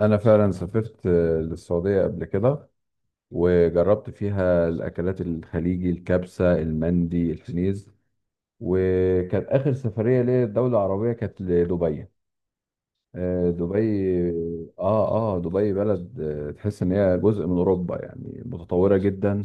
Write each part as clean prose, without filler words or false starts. انا فعلا سافرت للسعوديه قبل كده، وجربت فيها الاكلات الخليجي الكبسه المندي الحنيذ. وكانت اخر سفريه ليا دوله عربيه كانت لدبي. دبي. اه اه، دبي بلد تحس ان هي جزء من اوروبا، يعني متطوره جدا،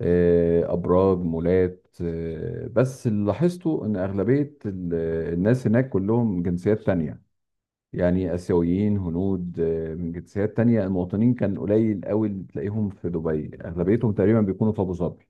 ابراج مولات. بس اللي لاحظته ان اغلبيه الناس هناك كلهم جنسيات تانية، يعني آسيويين هنود، من جنسيات تانية. المواطنين كان قليل قوي اللي تلاقيهم في دبي، أغلبيتهم تقريبا بيكونوا في أبو ظبي.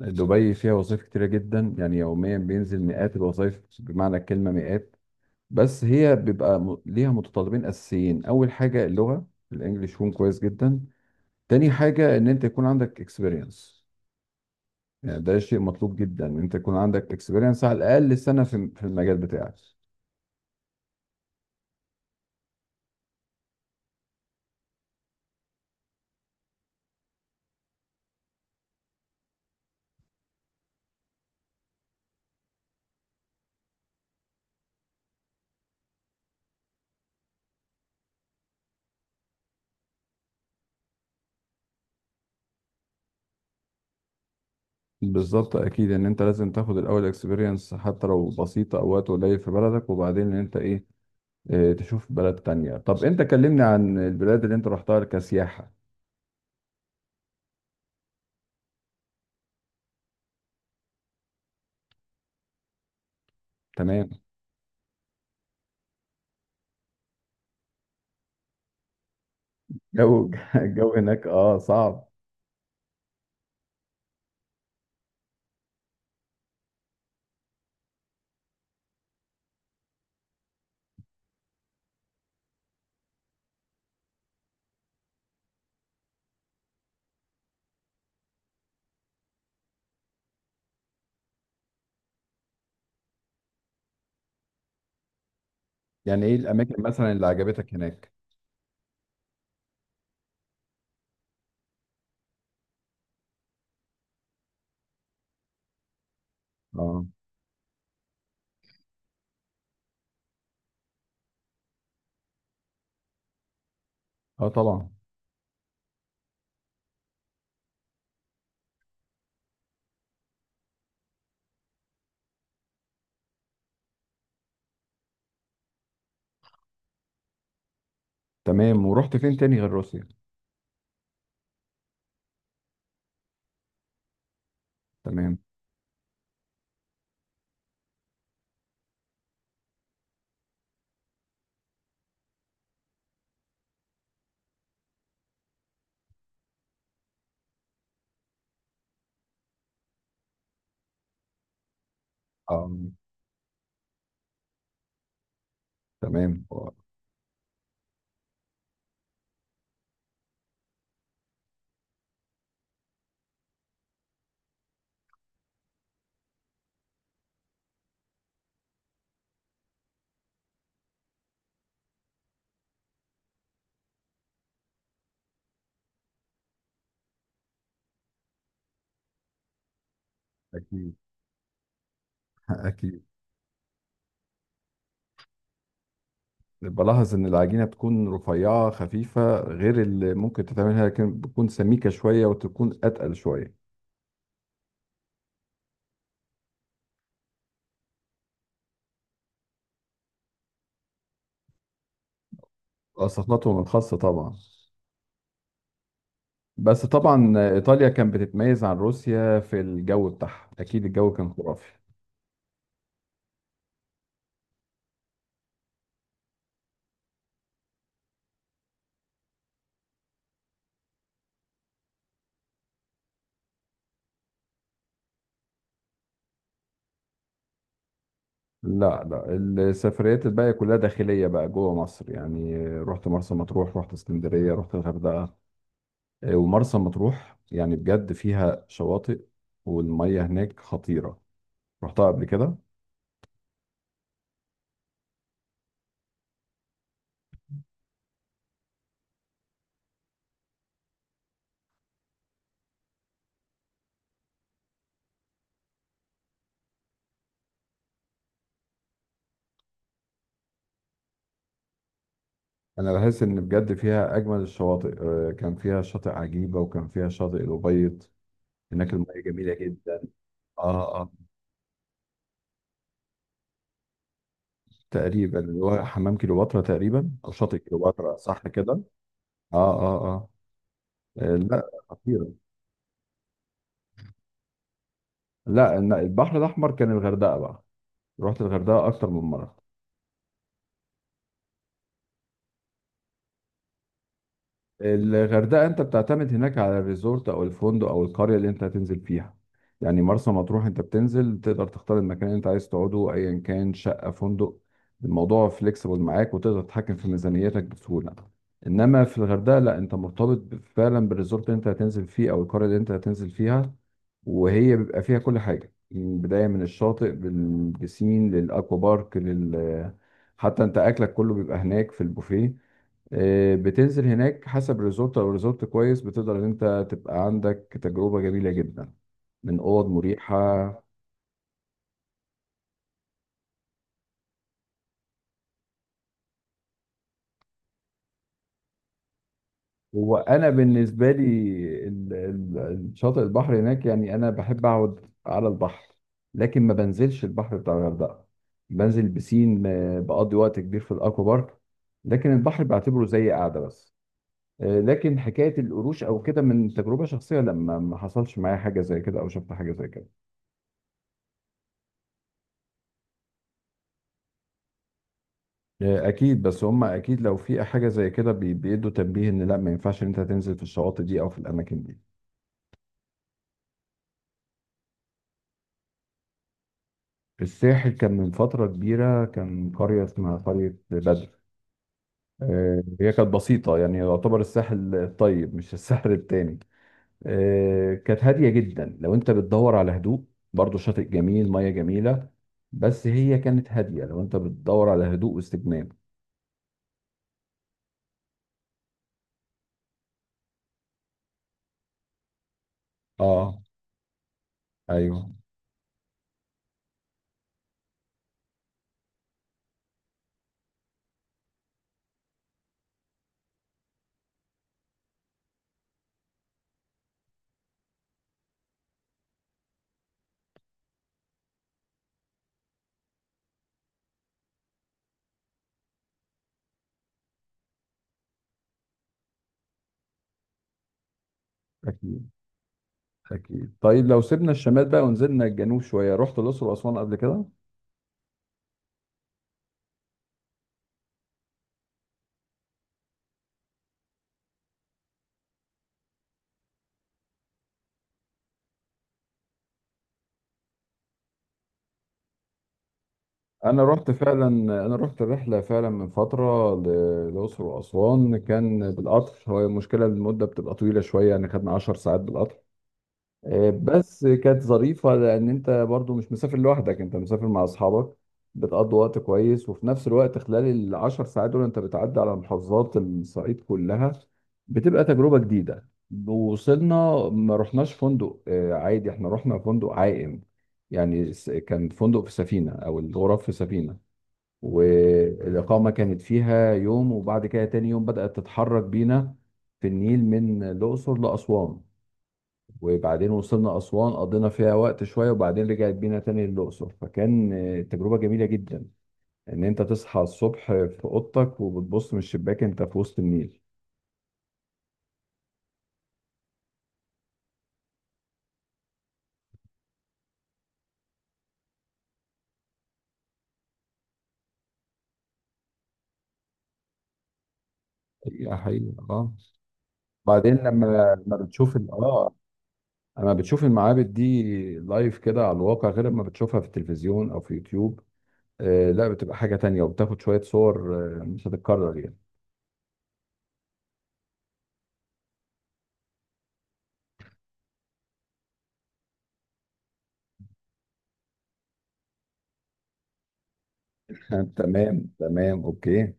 دبي فيها وظائف كتيرة جدا، يعني يوميا بينزل مئات الوظائف، بمعنى الكلمة مئات. بس هي بيبقى ليها متطلبين أساسيين، أول حاجة اللغة الإنجليش يكون كويس جدا. تاني حاجة إن أنت يكون عندك اكسبيرينس. يعني ده شيء مطلوب جدا، إن أنت يكون عندك اكسبيرينس على الأقل سنة في المجال بتاعك. بالظبط، اكيد ان انت لازم تاخد الاول اكسبيرينس حتى لو بسيطه او وقت قليل في بلدك، وبعدين ان انت ايه، تشوف بلد تانية. طب انت كلمني عن البلاد اللي انت رحتها كسياحه. تمام. جو الجو هناك اه صعب. يعني ايه الاماكن مثلا اللي عجبتك هناك؟ اه. اه طبعا. تمام، ورحت فين تاني غير روسيا؟ تمام. اه تمام. اكيد. اكيد. بلاحظ ان العجينه بتكون رفيعه خفيفه، غير اللي ممكن تتعملها لكن بتكون سميكه شويه وتكون اتقل شويه. استثماراتهم الخاصة طبعا. بس طبعا إيطاليا كانت بتتميز عن روسيا في الجو بتاعها، أكيد الجو كان خرافي. لا لا، السفريات الباقية كلها داخلية بقى جوه مصر، يعني رحت مرسى مطروح، رحت اسكندرية، رحت الغردقة. ومرسى مطروح يعني بجد فيها شواطئ والمية هناك خطيرة، رحتها قبل كده. أنا بحس إن بجد فيها أجمل الشواطئ، كان فيها شاطئ عجيبة وكان فيها شاطئ الأبيض، هناك المية جميلة جدا. اه آه. تقريبا. اللي هو حمام كليوباترا تقريبا او شاطئ كليوباترا، صح كده؟ اه اه اه. لا خطيره. لا، إن البحر الاحمر كان الغردقه بقى، رحت الغردقه اكتر من مره. الغردقة انت بتعتمد هناك على الريزورت او الفندق او القرية اللي انت هتنزل فيها. يعني مرسى مطروح انت بتنزل تقدر تختار المكان اللي انت عايز تقعده ايا كان شقة فندق، الموضوع فليكسيبل معاك وتقدر تتحكم في ميزانيتك بسهولة. انما في الغردقة لا، انت مرتبط فعلا بالريزورت اللي انت هتنزل فيه او القرية اللي انت هتنزل فيها. وهي بيبقى فيها كل حاجة من بداية من الشاطئ بالبسين للاكوا بارك حتى انت اكلك كله بيبقى هناك في البوفيه. بتنزل هناك حسب ريزورت، لو ريزورت كويس بتقدر ان انت تبقى عندك تجربة جميلة جدا، من اوض مريحة. هو انا بالنسبة لي ال- ال- الشاطئ البحر هناك، يعني انا بحب اقعد على البحر لكن ما بنزلش البحر بتاع الغردقة. بنزل بسين، بقضي وقت كبير في الاكوا بارك، لكن البحر بعتبره زي قاعدة بس. لكن حكاية القروش او كده من تجربة شخصية، لما ما حصلش معايا حاجة زي كده او شفت حاجة زي كده. اكيد، بس هم اكيد لو في حاجه زي كده بيدوا تنبيه ان لا ما ينفعش ان انت تنزل في الشواطئ دي او في الاماكن دي. في الساحل كان من فتره كبيره كان قريه اسمها قريه بدر، هي كانت بسيطه، يعني يعتبر الساحل الطيب مش الساحل التاني. كانت هاديه جدا لو انت بتدور على هدوء، برضو شاطئ جميل ميه جميله. بس هي كانت هاديه لو انت بتدور على هدوء واستجمام. اه. ايوه. اكيد، أكيد. طيب لو سيبنا الشمال بقى ونزلنا الجنوب شوية، رحت الأقصر وأسوان قبل كده؟ أنا رحت فعلا. أنا رحت الرحلة فعلا من للأقصر وأسوان، كان بالقطر، هو المشكلة المدة بتبقى طويلة شوية، يعني خدنا 10 ساعات بالقطر. بس كانت ظريفة لأن أنت برضو مش مسافر لوحدك، أنت مسافر مع أصحابك، بتقضي وقت كويس. وفي نفس الوقت خلال العشر ساعات دول أنت بتعدي على محافظات الصعيد كلها، بتبقى تجربة جديدة. وصلنا، ما رحناش فندق عادي، احنا رحنا فندق عائم، يعني كان فندق في سفينة، أو الغرف في سفينة، والإقامة كانت فيها يوم وبعد كده تاني يوم بدأت تتحرك بينا في النيل من الأقصر لأسوان. وبعدين وصلنا أسوان قضينا فيها وقت شوية، وبعدين رجعت بينا تاني للأقصر، فكان تجربة جميلة جدا إن أنت تصحى الصبح في أوضتك وبتبص من الشباك أنت في وسط النيل. حقيقة حقيقة اه. بعدين لما لما بتشوف ال- اه لما بتشوف المعابد دي لايف كده على الواقع، غير لما بتشوفها في التلفزيون أو في يوتيوب. آه لا، بتبقى حاجة تانية، وبتاخد شوية صور، مش هتتكرر يعني. تمام تمام، أوكي.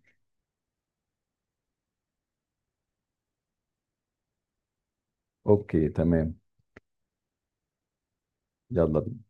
أوكي تمام، يلا.